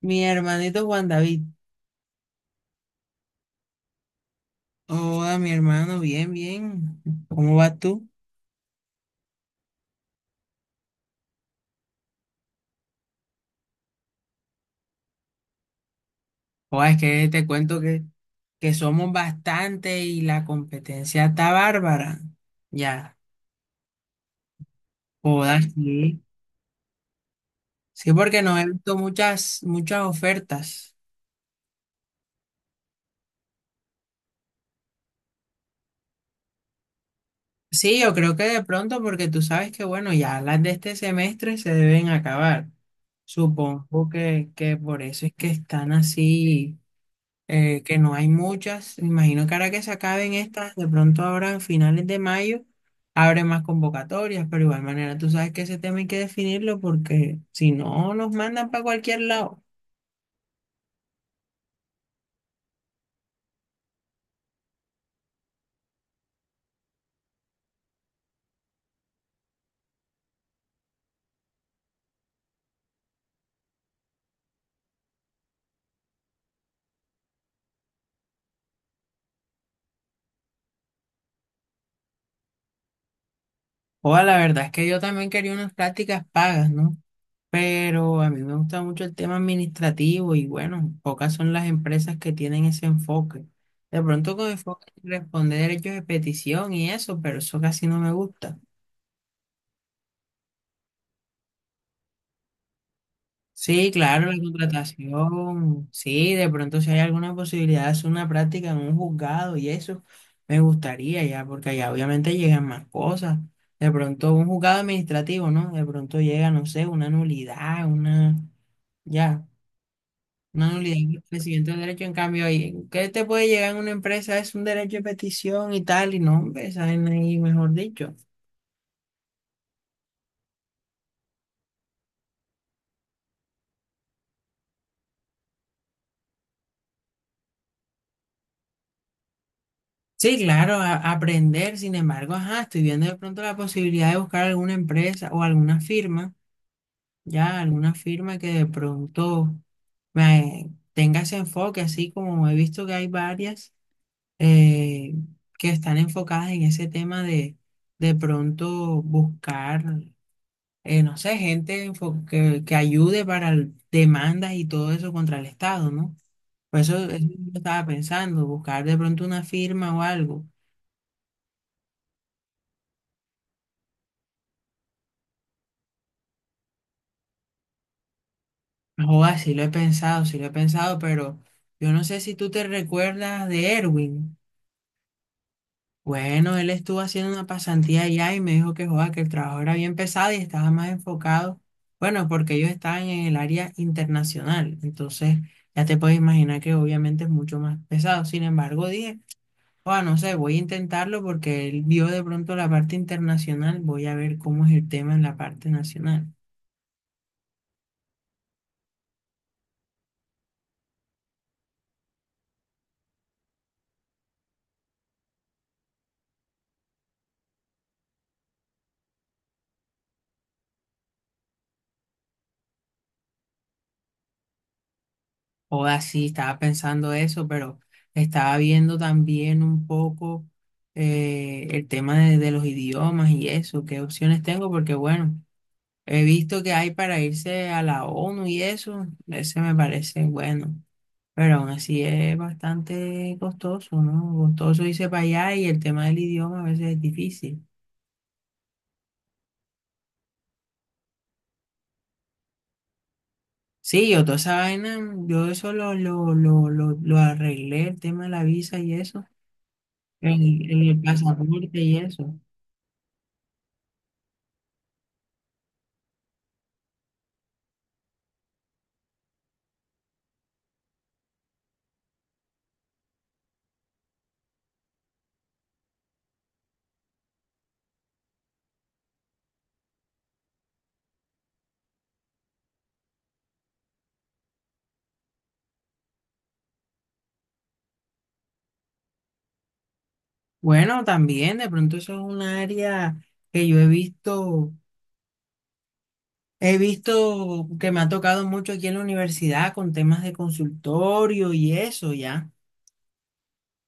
Mi hermanito Juan David. Hola, mi hermano, bien, bien. ¿Cómo vas tú? Oh, es que te cuento que somos bastante y la competencia está bárbara. Ya. Joda, sí. Sí, porque no he visto muchas ofertas. Sí, yo creo que de pronto, porque tú sabes que, bueno, ya las de este semestre se deben acabar. Supongo que por eso es que están así. Que no hay muchas. Me imagino que ahora que se acaben estas, de pronto ahora en finales de mayo, abre más convocatorias, pero igual manera tú sabes que ese tema hay que definirlo porque si no nos mandan para cualquier lado. O la verdad es que yo también quería unas prácticas pagas, ¿no? Pero a mí me gusta mucho el tema administrativo y bueno, pocas son las empresas que tienen ese enfoque. De pronto con enfoque en responder derechos de petición y eso, pero eso casi no me gusta. Sí, claro, la contratación. Sí, de pronto si hay alguna posibilidad de hacer una práctica en un juzgado y eso, me gustaría ya, porque allá obviamente llegan más cosas. De pronto un juzgado administrativo, ¿no? De pronto llega, no sé, una nulidad, una, ya, una nulidad del presidente del derecho. En cambio, ahí, ¿qué te puede llegar en una empresa? Es un derecho de petición y tal, y no, hombre, esa vaina ahí, mejor dicho. Sí, claro, aprender, sin embargo, ajá, estoy viendo de pronto la posibilidad de buscar alguna empresa o alguna firma ya alguna firma que de pronto me tenga ese enfoque, así como he visto que hay varias eh, que están enfocadas en ese tema de pronto buscar, no sé, gente que ayude para demandas y todo eso contra el Estado, ¿no? Por eso, eso yo estaba pensando, buscar de pronto una firma o algo. Joder, sí lo he pensado, sí lo he pensado, pero yo no sé si tú te recuerdas de Erwin. Bueno, él estuvo haciendo una pasantía allá y me dijo que, joda, que el trabajo era bien pesado y estaba más enfocado. Bueno, porque ellos estaban en el área internacional. Entonces, ya te puedes imaginar que obviamente es mucho más pesado. Sin embargo, dije, joda, no sé, voy a intentarlo porque él vio de pronto la parte internacional. Voy a ver cómo es el tema en la parte nacional. Joda, sí, estaba pensando eso, pero estaba viendo también un poco el tema de los idiomas y eso, qué opciones tengo, porque bueno. He visto que hay para irse a la ONU y eso, ese me parece bueno, pero aún así es bastante costoso, ¿no? Costoso irse para allá y el tema del idioma a veces es difícil. Sí, yo toda esa vaina, yo eso lo arreglé, el tema de la visa y eso, el pasaporte y eso. Bueno, también de pronto eso es un área que yo he visto. He visto que me ha tocado mucho aquí en la universidad con temas de consultorio y eso ya.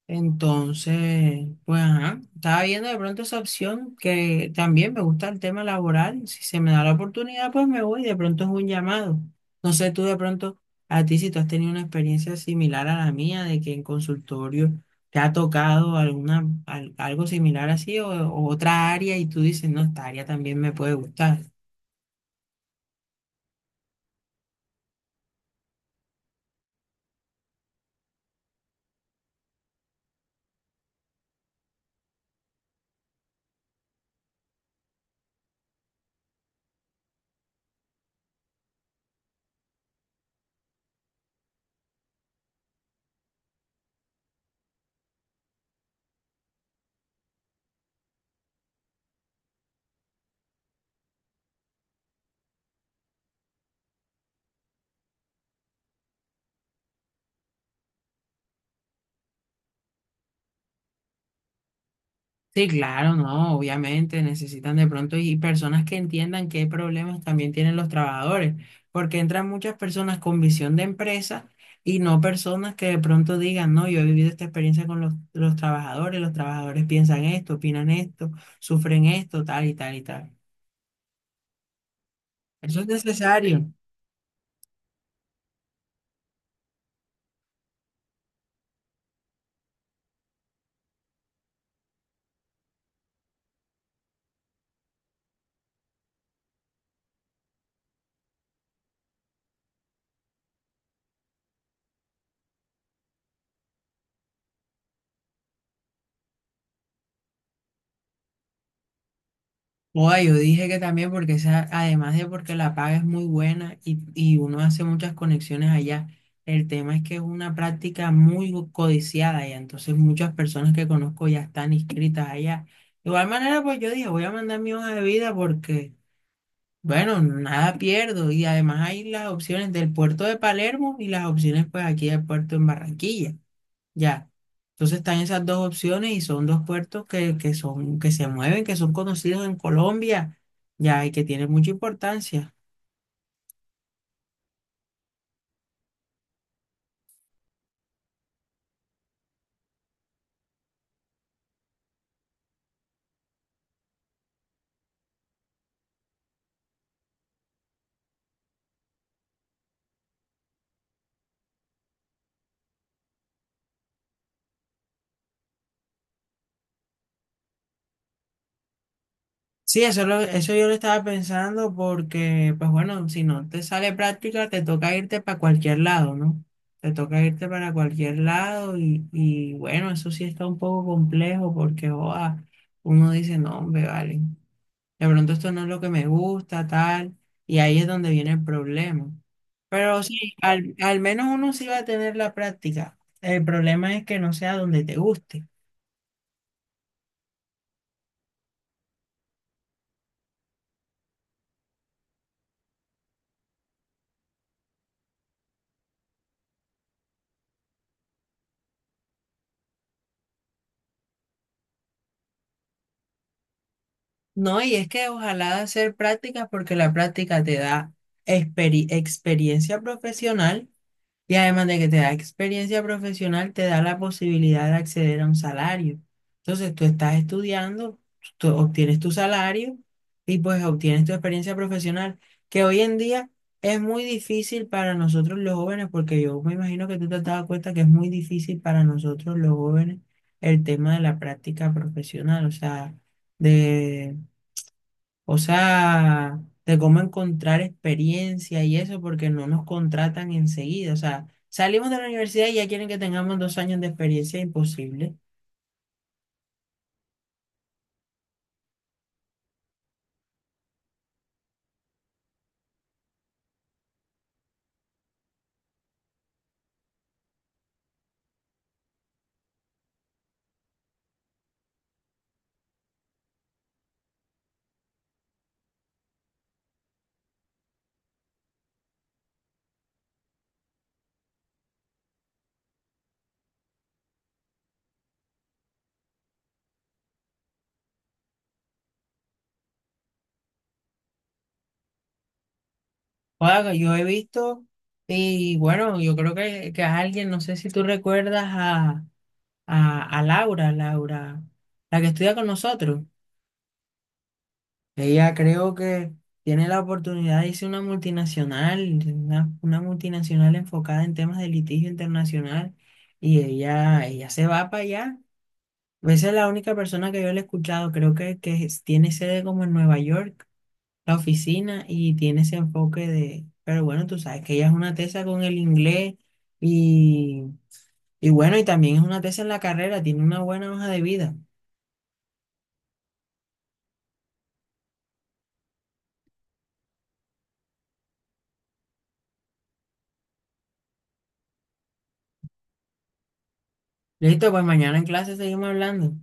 Entonces, pues ajá, estaba viendo de pronto esa opción que también me gusta el tema laboral. Si se me da la oportunidad, pues me voy. De pronto es un llamado. No sé tú de pronto a ti si tú has tenido una experiencia similar a la mía de que en consultorio te ha tocado alguna algo similar así o otra área y tú dices, no, esta área también me puede gustar. Sí, claro, no, obviamente necesitan de pronto y personas que entiendan qué problemas también tienen los trabajadores, porque entran muchas personas con visión de empresa y no personas que de pronto digan, no, yo he vivido esta experiencia con los trabajadores piensan esto, opinan esto, sufren esto, tal y tal y tal. Eso es necesario. Oa, yo dije que también porque esa, además de porque la paga es muy buena y uno hace muchas conexiones allá, el tema es que es una práctica muy codiciada allá, entonces muchas personas que conozco ya están inscritas allá. De igual manera, pues yo dije, voy a mandar mi hoja de vida porque, bueno, nada pierdo y además hay las opciones del puerto de Palermo y las opciones pues aquí del puerto en Barranquilla. Ya. Entonces están esas dos opciones y son dos puertos que son, que se mueven, que son conocidos en Colombia, ya, y que tienen mucha importancia. Sí, eso, eso yo lo estaba pensando porque, pues bueno, si no te sale práctica, te toca irte para cualquier lado, ¿no? Te toca irte para cualquier lado y bueno, eso sí está un poco complejo porque, joa, uno dice, no, hombre, vale. De pronto esto no es lo que me gusta, tal, y ahí es donde viene el problema. Pero sí, al menos uno sí va a tener la práctica. El problema es que no sea donde te guste. No, y es que ojalá hacer prácticas porque la práctica te da experiencia profesional. Y además de que te da experiencia profesional, te da la posibilidad de acceder a un salario. Entonces, tú estás estudiando, tú obtienes tu salario y pues obtienes tu experiencia profesional, que hoy en día es muy difícil para nosotros los jóvenes, porque yo me imagino que tú te has dado cuenta que es muy difícil para nosotros los jóvenes el tema de la práctica profesional, de o sea, de cómo encontrar experiencia y eso, porque no nos contratan enseguida. O sea, salimos de la universidad y ya quieren que tengamos 2 años de experiencia, imposible. Oiga, yo he visto, y bueno, yo creo que alguien, no sé si tú recuerdas a, a Laura, Laura, la que estudia con nosotros. Ella creo que tiene la oportunidad de irse a una multinacional, una multinacional enfocada en temas de litigio internacional, y ella se va para allá. Esa es la única persona que yo le he escuchado. Creo que tiene sede como en Nueva York, la oficina, y tiene ese enfoque de... Pero bueno, tú sabes que ella es una tesa con el inglés y, y bueno, y también es una tesa en la carrera, tiene una buena hoja de vida. Listo, pues mañana en clase seguimos hablando.